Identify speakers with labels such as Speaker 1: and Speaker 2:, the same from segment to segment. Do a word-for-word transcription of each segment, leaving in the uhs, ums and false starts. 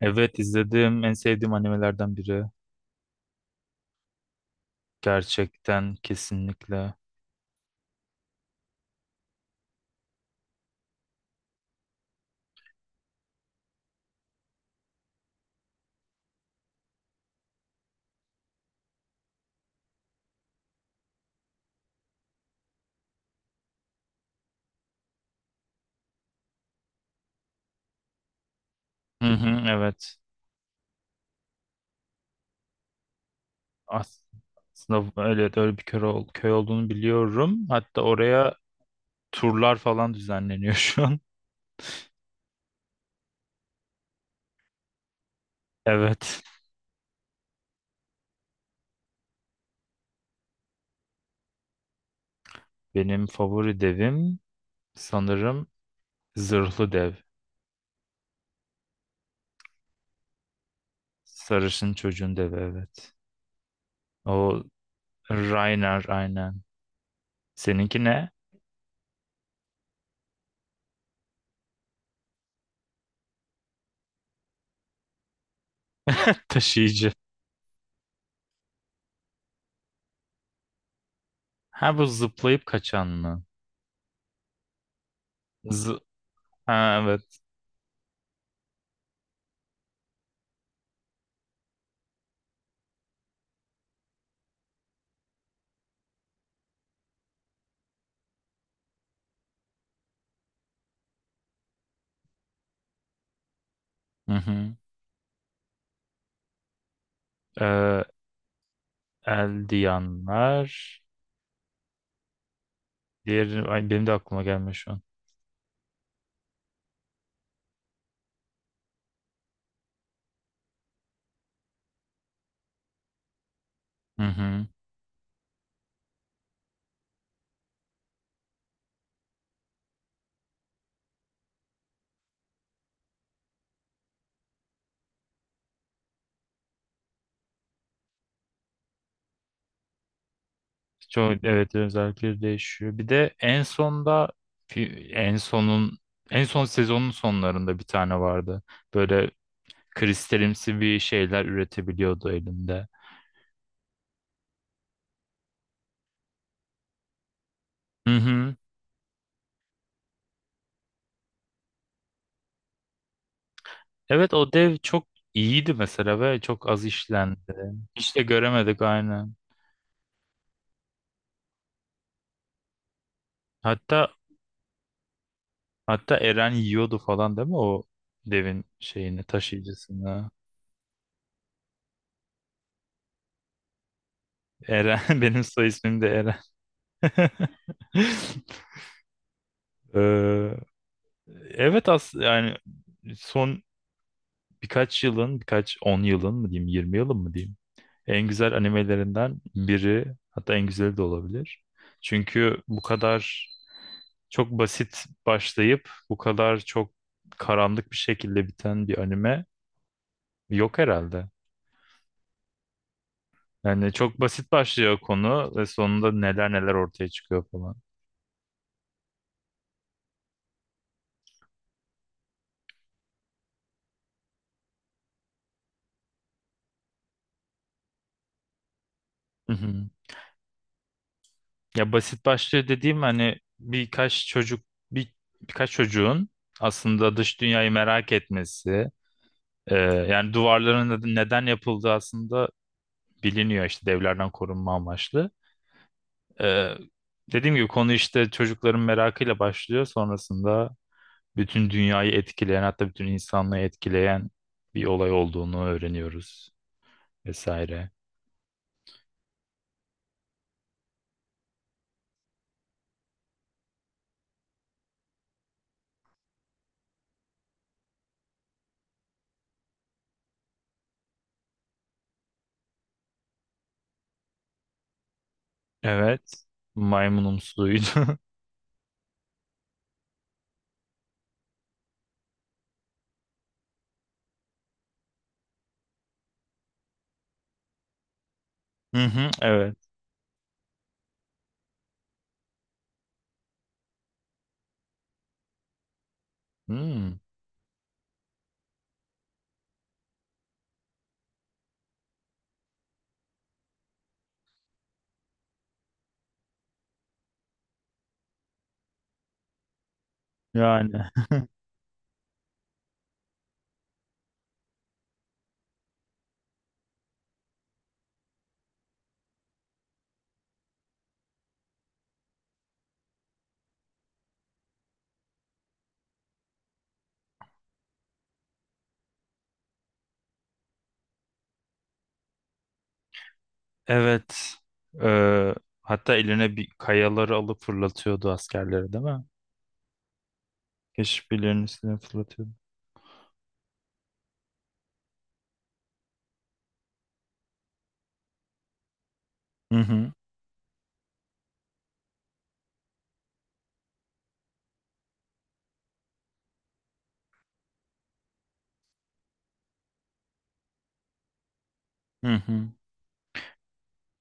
Speaker 1: Evet, izledim. En sevdiğim animelerden biri. Gerçekten, kesinlikle. Hı hı, evet. As- Aslında öyle, öyle bir köy, ol- köy olduğunu biliyorum. Hatta oraya turlar falan düzenleniyor şu an. Evet. Benim favori devim sanırım Zırhlı Dev. Sarışın çocuğun devi, evet. O Reiner, aynen. Seninki ne? Taşıyıcı. Ha, bu zıplayıp kaçan mı? Zı- ha, evet. Hı hı. Ee, Eldiyanlar. Diğer, ay, benim de aklıma gelmiyor şu an. Hı hı. Çok, evet, özellikleri değişiyor. Bir de en sonda, fi- en sonun en son sezonun sonlarında bir tane vardı. Böyle kristalimsi bir şeyler üretebiliyordu elinde. Hı hı. Evet, o dev çok iyiydi mesela ve çok az işlendi. Hiç de göremedik, aynen. Hatta, hatta Eren yiyordu falan değil mi o devin şeyini, taşıyıcısını. Eren, benim soy ismim de Eren. Ee, evet, as yani son birkaç yılın, birkaç on yılın mı diyeyim, yirmi yılın mı diyeyim. En güzel animelerinden biri, hatta en güzeli de olabilir. Çünkü bu kadar çok basit başlayıp bu kadar çok karanlık bir şekilde biten bir anime yok herhalde. Yani çok basit başlıyor konu ve sonunda neler neler ortaya çıkıyor falan. Ya, basit başlıyor dediğim, hani birkaç çocuk, bir, birkaç çocuğun aslında dış dünyayı merak etmesi, e, yani duvarların neden neden yapıldığı aslında biliniyor işte, devlerden korunma amaçlı. E, Dediğim gibi konu işte çocukların merakıyla başlıyor, sonrasında bütün dünyayı etkileyen, hatta bütün insanlığı etkileyen bir olay olduğunu öğreniyoruz vesaire. Evet, maymunumsuydu. Hı hı, evet. Hmm. Yani evet. Ee, hatta eline bir kayaları alıp fırlatıyordu askerleri, değil mi? Keşifçilerin üstüne fırlatıyordu. Hı hı. Hı hı.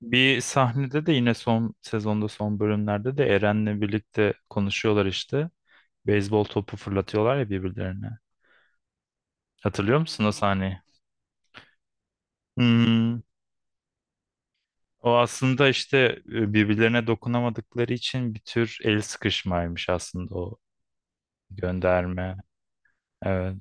Speaker 1: Bir sahnede de yine son sezonda, son bölümlerde de Eren'le birlikte konuşuyorlar işte. Beyzbol topu fırlatıyorlar ya birbirlerine. Hatırlıyor musun o sahneyi? Hmm. O aslında işte, e, birbirlerine dokunamadıkları için bir tür el sıkışmaymış aslında o gönderme. Evet.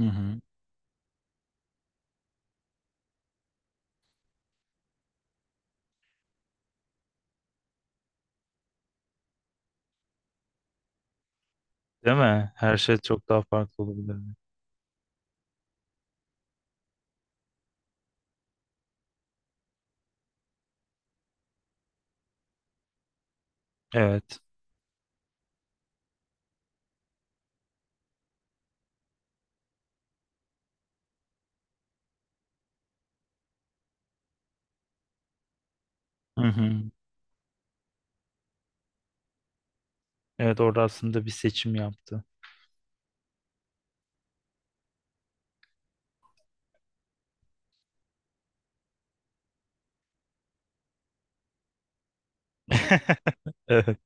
Speaker 1: Hı hı. Değil mi? Her şey çok daha farklı olabilirdi. Evet. Hı hı. Evet, orada aslında bir seçim yaptı. Evet.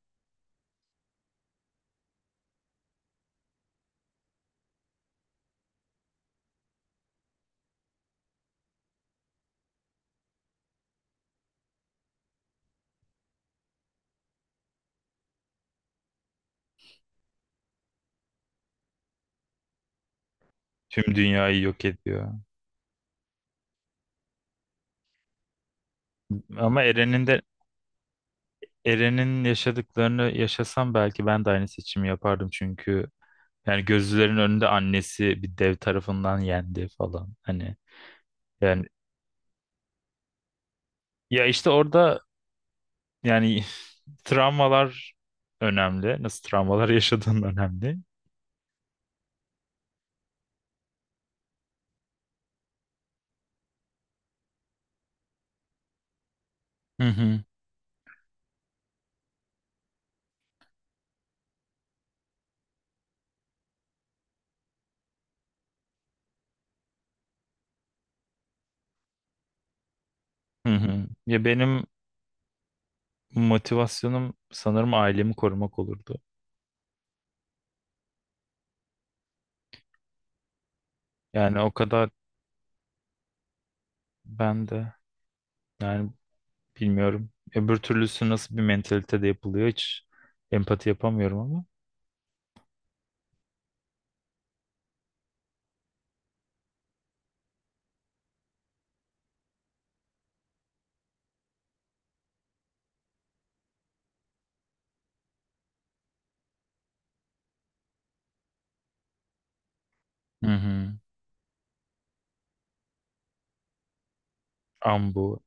Speaker 1: Tüm dünyayı yok ediyor. Ama Eren'in de Eren'in yaşadıklarını yaşasam belki ben de aynı seçimi yapardım, çünkü yani gözlerin önünde annesi bir dev tarafından yendi falan. Hani yani, ya işte orada yani travmalar önemli. Nasıl travmalar yaşadığın önemli. Hı hı. Hı hı. Ya benim motivasyonum sanırım ailemi korumak olurdu. Yani o kadar, ben de yani bilmiyorum. Öbür türlüsü nasıl bir mentalitede yapılıyor, hiç empati yapamıyorum ama. Hı hı. Ambu.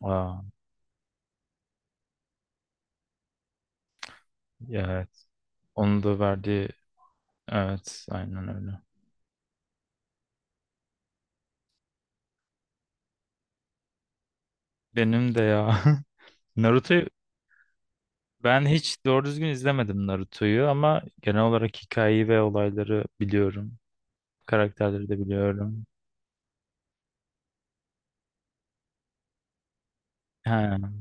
Speaker 1: Aa, evet. Onun da verdiği evet, aynen öyle. Benim de ya Naruto'yu ben hiç doğru düzgün izlemedim Naruto'yu ama genel olarak hikayeyi ve olayları biliyorum. Karakterleri de biliyorum. Ha,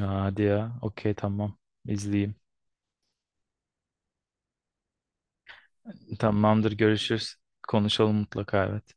Speaker 1: hadi ya. Okey, tamam. İzleyeyim. Tamamdır, görüşürüz. Konuşalım mutlaka, evet.